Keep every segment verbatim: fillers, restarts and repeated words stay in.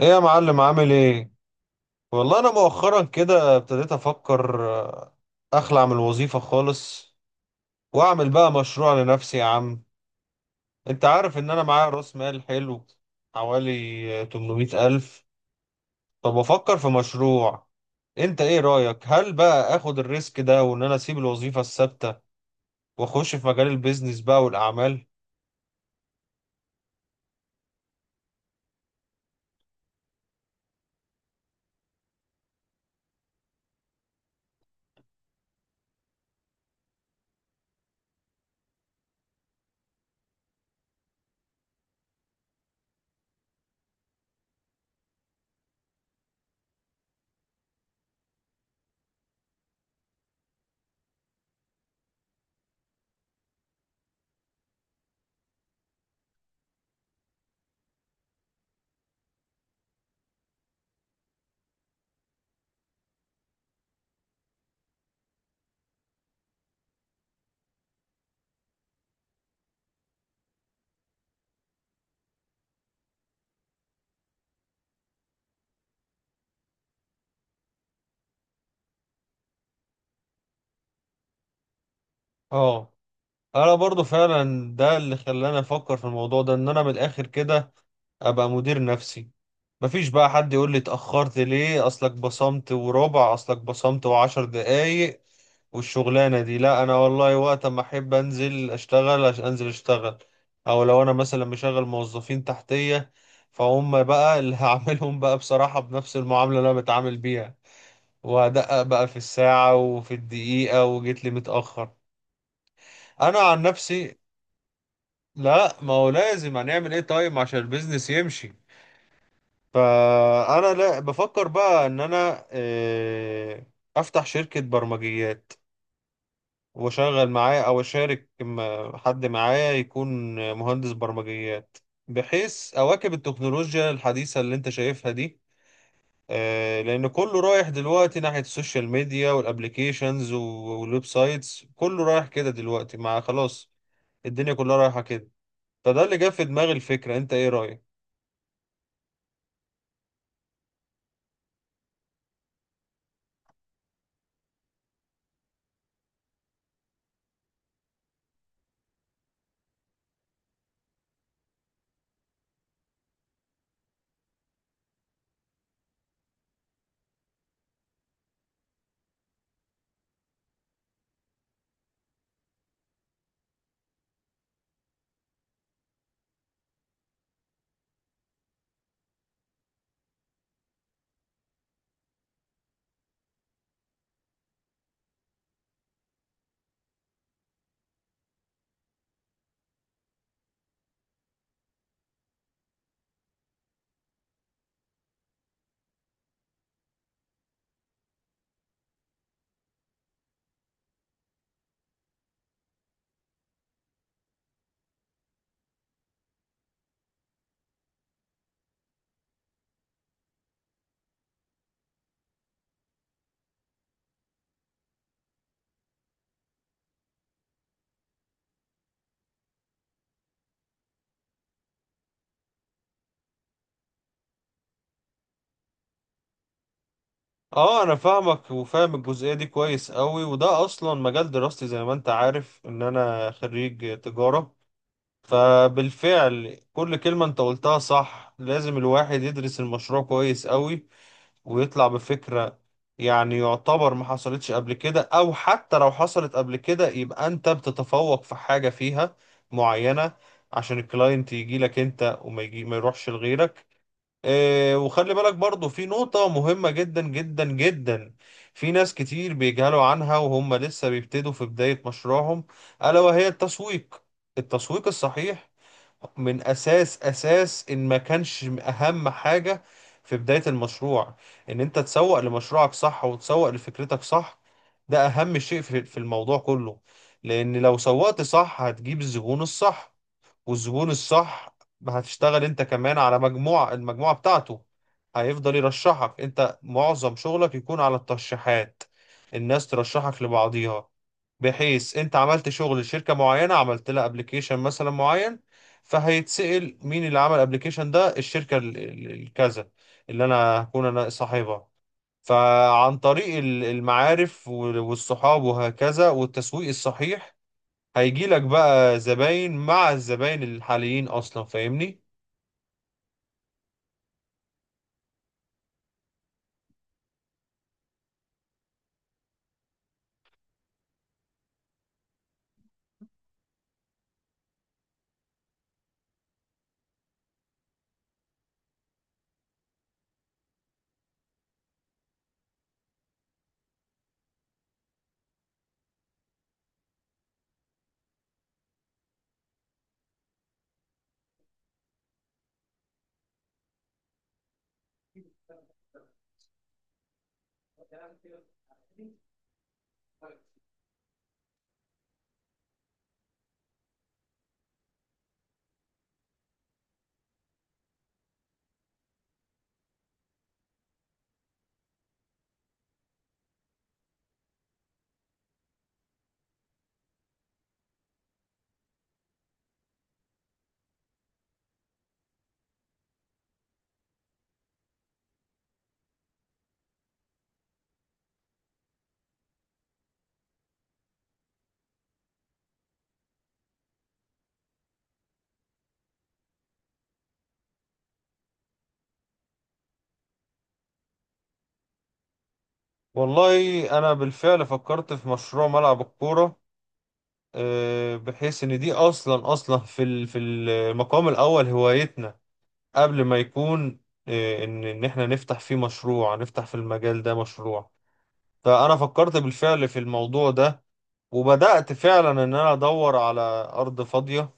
ايه يا معلم، عامل ايه؟ والله انا مؤخرا كده ابتديت افكر آه، اخلع من الوظيفة خالص، واعمل بقى مشروع لنفسي يا عم. انت عارف ان انا معايا راس مال حلو، حوالي آه، ثمانمائة الف. فبفكر في مشروع. انت ايه رأيك؟ هل بقى اخد الريسك ده وان انا اسيب الوظيفة الثابتة واخش في مجال البيزنس بقى والاعمال؟ اه، انا برضو فعلا ده اللي خلاني افكر في الموضوع ده، ان انا من الاخر كده ابقى مدير نفسي. مفيش بقى حد يقول لي اتأخرت ليه، اصلك بصمت وربع، اصلك بصمت وعشر دقايق. والشغلانة دي لا، انا والله وقت ما احب انزل اشتغل عشان انزل اشتغل. او لو انا مثلا مشغل موظفين تحتية، فهم بقى اللي هعملهم بقى بصراحة بنفس المعاملة اللي انا بتعامل بيها، وهدقق بقى في الساعة وفي الدقيقة وجيت لي متأخر. انا عن نفسي، لا، ما هو لازم هنعمل ايه طيب عشان البيزنس يمشي. فانا لا بفكر بقى ان انا آه، افتح شركة برمجيات واشغل معاه، او اشارك م- حد معايا يكون مهندس برمجيات، بحيث اواكب التكنولوجيا الحديثة اللي انت شايفها دي. آه، لان كله رايح دلوقتي ناحية السوشيال ميديا والابليكيشنز والويب سايتس، كله رايح كده دلوقتي مع خلاص. الدنيا كلها رايحة كده. فده اللي جاب في دماغي الفكرة. انت ايه رأيك؟ اه، انا فاهمك، وفاهم الجزئيه دي كويس قوي. وده اصلا مجال دراستي زي ما انت عارف ان انا خريج تجاره. فبالفعل كل كلمه انت قلتها صح، لازم الواحد يدرس المشروع كويس قوي ويطلع بفكره، يعني يعتبر ما حصلتش قبل كده، او حتى لو حصلت قبل كده يبقى انت بتتفوق في حاجه فيها معينه عشان الكلاينت يجي لك انت وما يجي ما يروحش لغيرك. آه، وخلي بالك برضو في نقطة مهمة جدا جدا جدا. في ناس كتير بيجهلوا عنها وهم لسه بيبتدوا في بداية مشروعهم، ألا وهي التسويق. التسويق الصحيح من أساس أساس إن ما كانش أهم حاجة في بداية المشروع، إن أنت تسوق لمشروعك صح وتسوق لفكرتك صح. ده أهم شيء في في الموضوع كله. لأن لو سوقت صح هتجيب الزبون الصح، والزبون الصح هتشتغل انت كمان على مجموعة، المجموعة بتاعته هيفضل يرشحك. انت معظم شغلك يكون على الترشيحات، الناس ترشحك لبعضيها، بحيث انت عملت شغل لشركة معينة، عملت لها ابلكيشن مثلا معين، فهيتسأل مين اللي عمل الابلكيشن ده؟ الشركة ال- ال- الكذا، اللي انا هكون انا صاحبها. فعن طريق ال- المعارف وال- والصحاب وهكذا والتسويق الصحيح، هيجي لك بقى زباين مع الزباين الحاليين اصلا، فاهمني؟ والله انا بالفعل فكرت في مشروع ملعب الكوره. آه، بحيث ان دي اصلا اصلا في ال- في المقام الاول هوايتنا قبل ما يكون آه، ان ان احنا نفتح فيه مشروع، نفتح في المجال ده مشروع. فانا فكرت بالفعل في الموضوع ده، وبدأت فعلا ان انا ادور على ارض فاضيه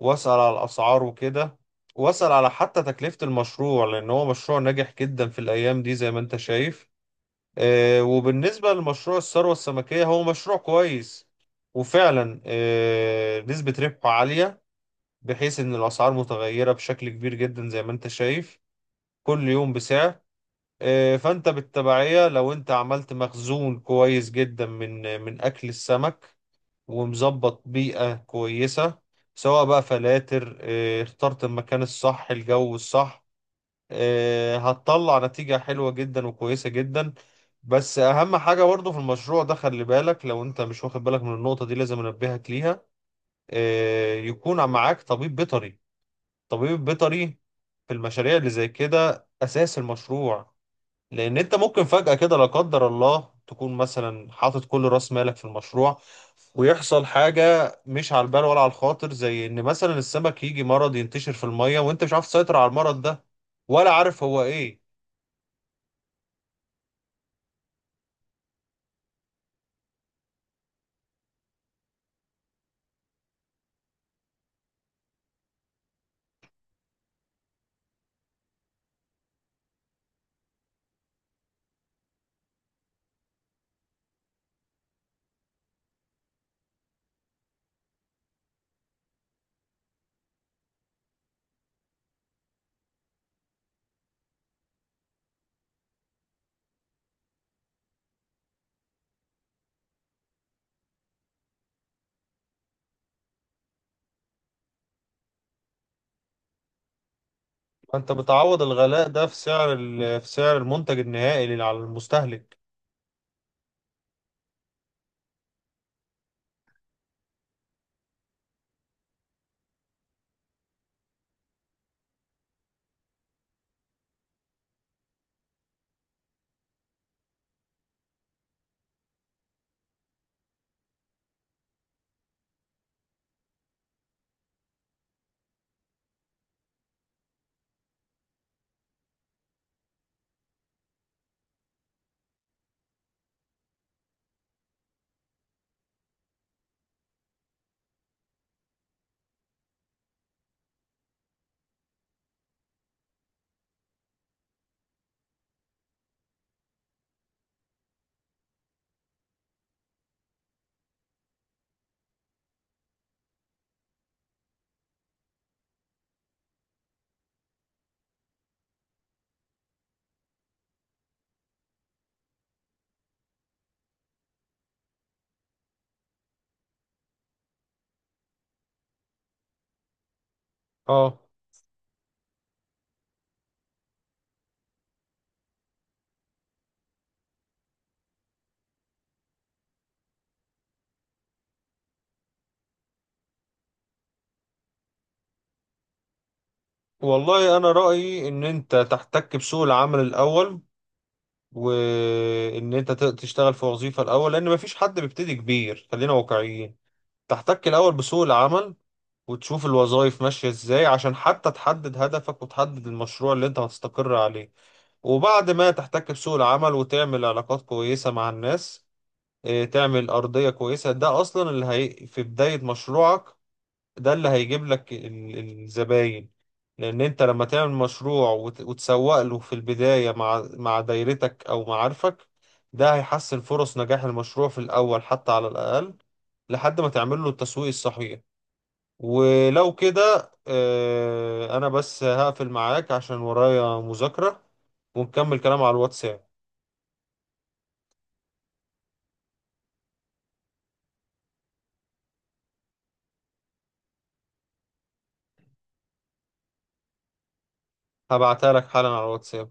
واسأل على الأسعار وكده، واسأل على حتى تكلفة المشروع، لأن هو مشروع ناجح جدا في الأيام دي زي ما أنت شايف. آه، وبالنسبة لمشروع الثروة السمكية، هو مشروع كويس وفعلا آه، نسبة ربحه عالية، بحيث إن الأسعار متغيرة بشكل كبير جدا زي ما أنت شايف، كل يوم بسعر. آه، فأنت بالتبعية لو أنت عملت مخزون كويس جدا من من أكل السمك ومظبط بيئة كويسة، سواء بقى فلاتر، آه، اخترت المكان الصح الجو الصح. آه، هتطلع نتيجة حلوة جدا وكويسة جدا. بس أهم حاجة برضه في المشروع ده، خلي بالك، لو أنت مش واخد بالك من النقطة دي لازم أنبهك ليها. آه، يكون معاك طبيب بيطري. طبيب بيطري في المشاريع اللي زي كده أساس المشروع. لان انت ممكن فجأة كده لا قدر الله تكون مثلا حاطط كل راس مالك في المشروع، ويحصل حاجة مش على البال ولا على الخاطر، زي ان مثلا السمك يجي مرض ينتشر في المية وانت مش عارف تسيطر على المرض ده، ولا عارف هو ايه. فانت بتعوض الغلاء ده في سعر ال- في سعر المنتج النهائي اللي على المستهلك. اه، والله انا رأيي ان انت تحتك بسوق العمل الاول، وان انت ت- تشتغل في وظيفة الاول، لان مفيش حد بيبتدي كبير، خلينا واقعيين. تحتك الأول بسوق العمل وتشوف الوظائف ماشية ازاي، عشان حتى تحدد هدفك وتحدد المشروع اللي انت هتستقر عليه. وبعد ما تحتك بسوق العمل وتعمل علاقات كويسة مع الناس، اه، تعمل أرضية كويسة. ده أصلا اللي هي في بداية مشروعك، ده اللي هيجيب لك ال- الزباين. لأن انت لما تعمل مشروع وت- وتسوق له في البداية مع مع دايرتك أو معارفك، ده هيحسن فرص نجاح المشروع في الأول حتى على الأقل، لحد ما تعمل له التسويق الصحيح. ولو كده آه، انا بس هقفل معاك عشان ورايا مذاكرة، ونكمل كلام على الواتساب. هبعتها لك حالا على الواتساب.